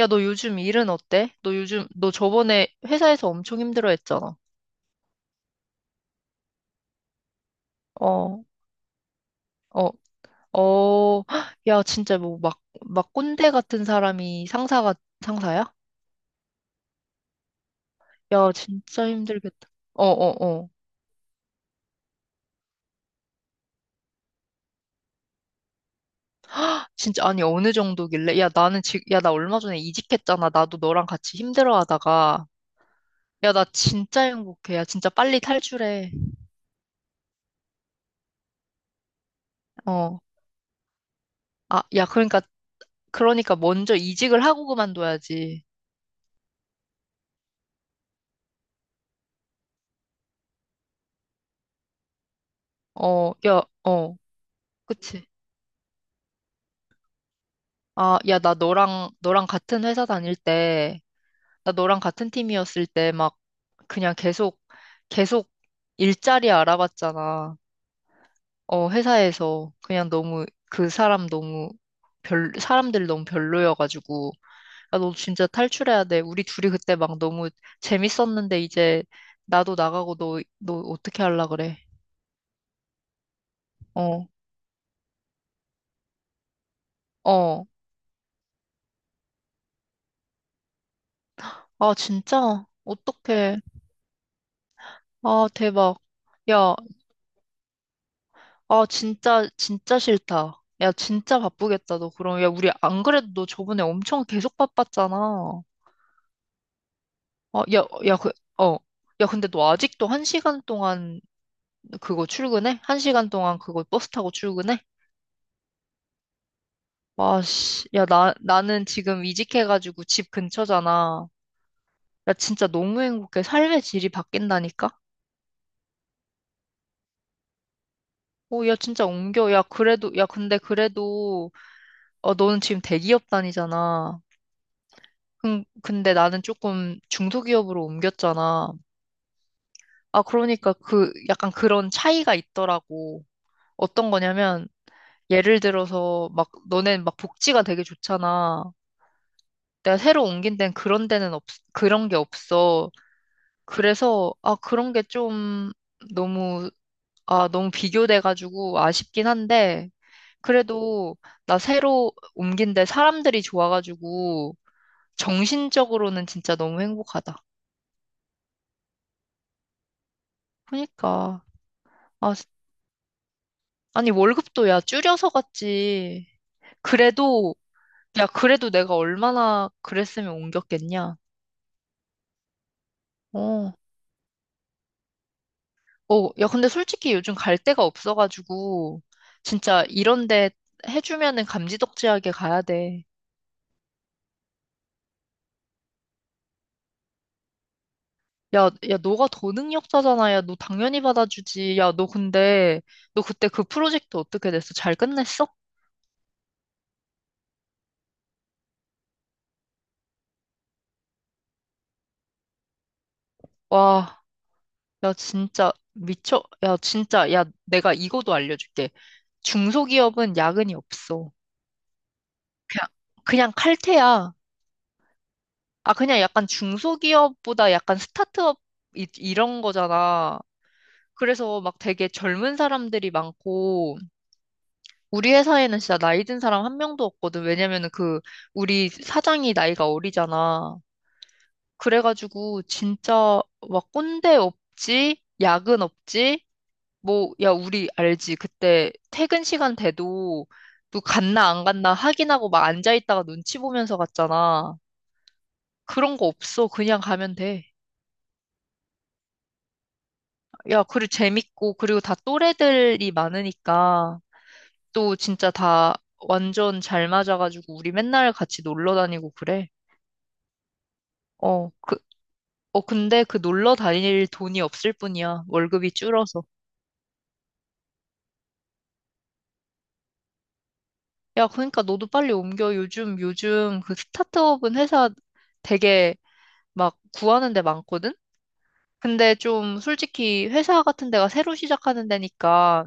야, 너 요즘 일은 어때? 너 저번에 회사에서 엄청 힘들어 했잖아. 어, 어, 어, 헉. 야, 진짜 뭐 막 꼰대 같은 사람이 상사가, 상사야? 야, 진짜 힘들겠다. 어, 어, 어. 진짜, 아니, 어느 정도길래? 야, 나는 지금, 야, 나 얼마 전에 이직했잖아. 나도 너랑 같이 힘들어 하다가. 야, 나 진짜 행복해. 야, 진짜 빨리 탈출해. 어. 아, 야, 그러니까 먼저 이직을 하고 그만둬야지. 어, 야, 어. 그치? 아, 야, 나 너랑 같은 회사 다닐 때, 나 너랑 같은 팀이었을 때 막 그냥 계속 일자리 알아봤잖아. 어, 회사에서 그냥 너무 그 사람 너무 사람들 너무 별로여가지고. 야, 너 진짜 탈출해야 돼. 우리 둘이 그때 막 너무 재밌었는데 이제 나도 나가고 너 어떻게 할라 그래? 어, 어. 아, 진짜? 어떡해. 아, 대박. 야, 아, 진짜, 진짜 싫다. 야, 진짜 바쁘겠다, 너 그럼. 야, 우리 안 그래도 너 저번에 엄청 계속 바빴잖아. 어, 야, 야, 어. 야, 근데 너 아직도 한 시간 동안 그거 출근해? 한 시간 동안 그거 버스 타고 출근해? 와, 씨. 야, 나는 지금 이직해가지고 집 근처잖아. 야, 진짜 너무 행복해. 삶의 질이 바뀐다니까? 오, 야, 진짜 옮겨. 야, 그래도, 야, 근데 그래도, 어, 너는 지금 대기업 다니잖아. 근데 나는 조금 중소기업으로 옮겼잖아. 아, 그러니까 그 약간 그런 차이가 있더라고. 어떤 거냐면 예를 들어서 막 너넨 막 복지가 되게 좋잖아. 내가 새로 옮긴 데는 그런 게 없어. 그래서 아, 그런 게 좀 너무 너무 비교돼가지고 아쉽긴 한데 그래도 나 새로 옮긴 데 사람들이 좋아가지고 정신적으로는 진짜 너무 행복하다. 그러니까. 아, 아니, 월급도 야, 줄여서 갔지. 그래도, 야, 그래도 내가 얼마나 그랬으면 옮겼겠냐. 어, 어, 야, 근데 솔직히 요즘 갈 데가 없어가지고, 진짜 이런 데 해주면은 감지덕지하게 가야 돼. 야, 야, 너가 더 능력자잖아. 야, 너 당연히 받아주지. 야, 너 그때 그 프로젝트 어떻게 됐어? 잘 끝냈어? 와, 야, 진짜 미쳐. 야, 진짜, 야, 내가 이거도 알려줄게. 중소기업은 야근이 없어. 그냥, 그냥 칼퇴야. 아, 그냥 약간 중소기업보다 약간 스타트업 이런 거잖아. 그래서 막 되게 젊은 사람들이 많고, 우리 회사에는 진짜 나이 든 사람 한 명도 없거든. 왜냐면은 우리 사장이 나이가 어리잖아. 그래가지고 진짜 막 꼰대 없지, 야근 없지, 뭐, 야, 우리 알지. 그때 퇴근 시간 돼도 또 갔나 안 갔나 확인하고 막 앉아있다가 눈치 보면서 갔잖아. 그런 거 없어. 그냥 가면 돼. 야, 그리고 재밌고, 그리고 다 또래들이 많으니까, 또 진짜 다 완전 잘 맞아가지고, 우리 맨날 같이 놀러 다니고 그래. 어, 어, 근데 그 놀러 다닐 돈이 없을 뿐이야. 월급이 줄어서. 야, 그러니까 너도 빨리 옮겨. 요즘 그 스타트업은 회사 되게 막 구하는 데 많거든? 근데 좀 솔직히 회사 같은 데가 새로 시작하는 데니까,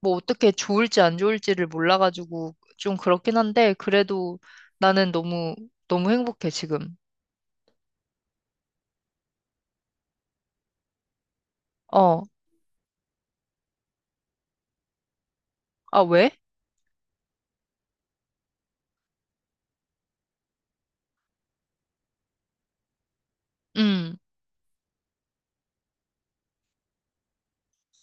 뭐 어떻게 좋을지 안 좋을지를 몰라가지고 좀 그렇긴 한데 그래도 나는 너무 너무 행복해 지금. 어. 아, 왜? 음.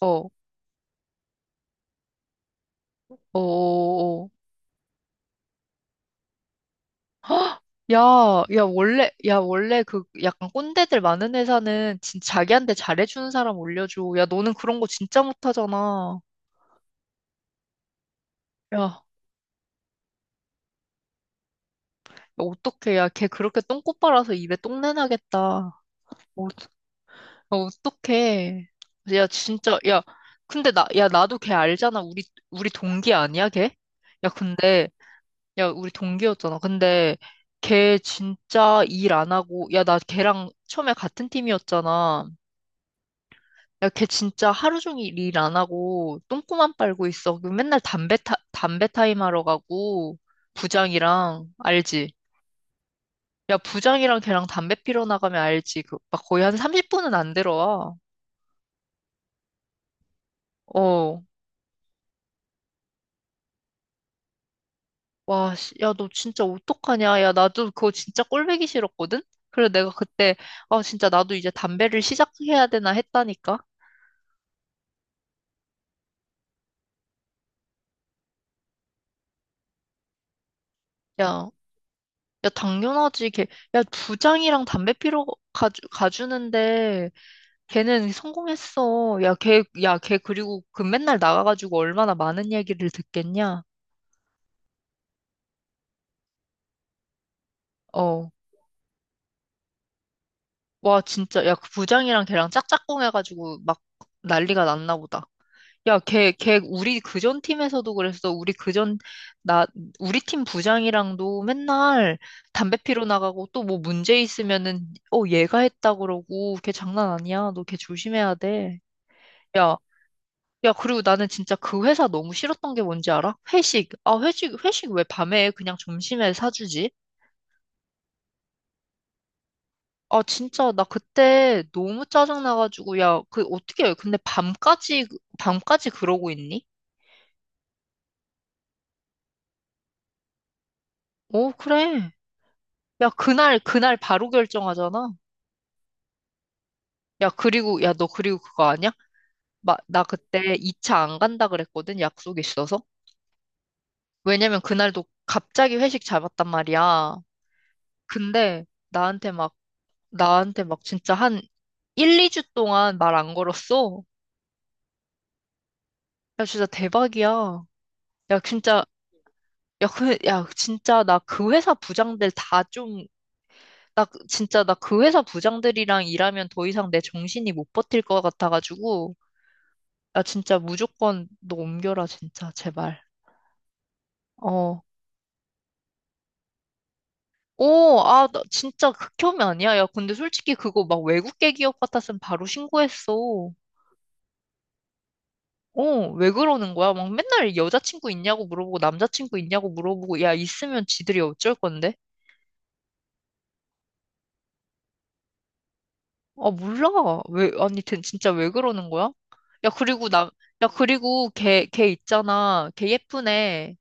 어. 어. 어. 어. 야, 야 원래 그 약간 꼰대들 많은 회사는 진짜 자기한테 잘해주는 사람 올려줘. 야 너는 그런 거 진짜 못하잖아. 야, 어떡해. 야 걔 그렇게 똥꼬 빨아서 입에 똥내 나겠다. 어, 어떡해. 야, 진짜, 야, 근데 나, 야, 나도 걔 알잖아. 우리 동기 아니야, 걔? 야, 근데, 야, 우리 동기였잖아. 근데, 걔 진짜 일 안 하고, 야, 나 걔랑 처음에 같은 팀이었잖아. 야, 걔 진짜 하루 종일 일 안 하고, 똥꼬만 빨고 있어. 그 맨날 담배 타임 하러 가고, 부장이랑, 알지? 야, 부장이랑 걔랑 담배 피러 나가면 알지. 막 거의 한 30분은 안 들어와. 어. 와, 씨, 야, 너 진짜 어떡하냐? 야, 나도 그거 진짜 꼴보기 싫었거든? 그래, 내가 그때, 아, 진짜 나도 이제 담배를 시작해야 되나 했다니까? 야, 야, 당연하지. 걔, 야, 부장이랑 담배 피러 가주는데, 걔는 성공했어. 야, 걔, 야, 걔 그리고 그 맨날 나가가지고 얼마나 많은 얘기를 듣겠냐? 어, 와, 진짜, 야, 그 부장이랑 걔랑 짝짝꿍 해가지고 막 난리가 났나 보다. 야, 걔, 우리 그전 팀에서도 그랬어. 우리 그전, 나, 우리 팀 부장이랑도 맨날 담배 피러 나가고 또 뭐 문제 있으면은, 어, 얘가 했다 그러고, 걔 장난 아니야. 너 걔 조심해야 돼. 야, 야, 그리고 나는 진짜 그 회사 너무 싫었던 게 뭔지 알아? 회식. 아, 회식 왜 밤에 해? 그냥 점심에 사주지? 아, 진짜, 나 그때 너무 짜증나가지고, 야, 그, 어떻게, 근데 밤까지 그러고 있니? 어, 그래. 야, 그날 바로 결정하잖아. 야, 그리고, 야, 너 그리고 그거 아니야? 마, 나 그때 2차 안 간다 그랬거든, 약속 있어서. 왜냐면 그날도 갑자기 회식 잡았단 말이야. 근데 나한테 막 진짜 한 1, 2주 동안 말 안 걸었어. 야, 진짜 대박이야. 야, 진짜, 야, 그, 야, 진짜 나 그 회사 부장들 다 좀, 나 진짜 나 그 회사 부장들이랑 일하면 더 이상 내 정신이 못 버틸 것 같아가지고. 아, 진짜 무조건 너 옮겨라, 진짜. 제발. 어. 오, 아, 나 진짜 극혐이 아니야. 야, 근데 솔직히 그거 막 외국계 기업 같았으면 바로 신고했어. 어, 왜 그러는 거야? 막 맨날 여자친구 있냐고 물어보고 남자친구 있냐고 물어보고 야, 있으면 지들이 어쩔 건데? 아, 몰라. 왜, 아니, 진짜 왜 그러는 거야? 야, 그리고 야, 그리고 걔 있잖아. 걔 예쁜 애.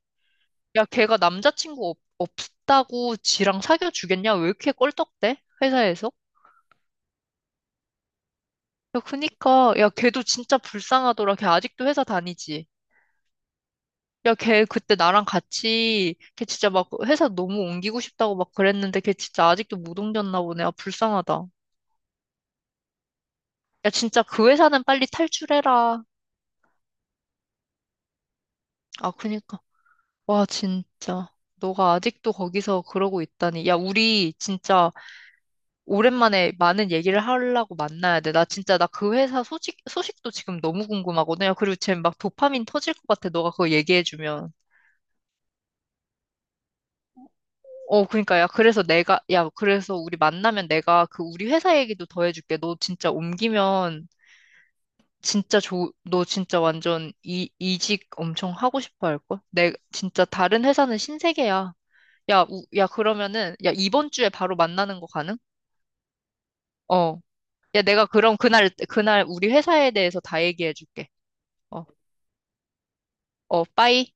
야, 걔가 남자친구 없다고 지랑 사귀어 주겠냐? 왜 이렇게 껄떡대? 회사에서? 야, 그니까, 야, 걔도 진짜 불쌍하더라. 걔 아직도 회사 다니지. 야, 걔 그때 나랑 같이, 걔 진짜 막 회사 너무 옮기고 싶다고 막 그랬는데, 걔 진짜 아직도 못 옮겼나 보네. 아, 불쌍하다. 야, 진짜 그 회사는 빨리 탈출해라. 아, 그니까. 와, 진짜. 너가 아직도 거기서 그러고 있다니. 야, 우리 진짜 오랜만에 많은 얘기를 하려고 만나야 돼. 나 진짜, 나 그 회사 소식도 지금 너무 궁금하거든. 야, 그리고 쟤 막 도파민 터질 것 같아. 너가 그거 얘기해주면. 어, 그러니까 야, 그래서 우리 만나면 내가 그 우리 회사 얘기도 더 해줄게. 너 진짜 옮기면 진짜 너 진짜 완전 이 이직 엄청 하고 싶어 할 걸? 내 진짜 다른 회사는 신세계야. 야, 야 그러면은 야 이번 주에 바로 만나는 거 가능? 어. 야, 내가 그럼 그날 우리 회사에 대해서 다 얘기해 줄게. 어, 어, 빠이.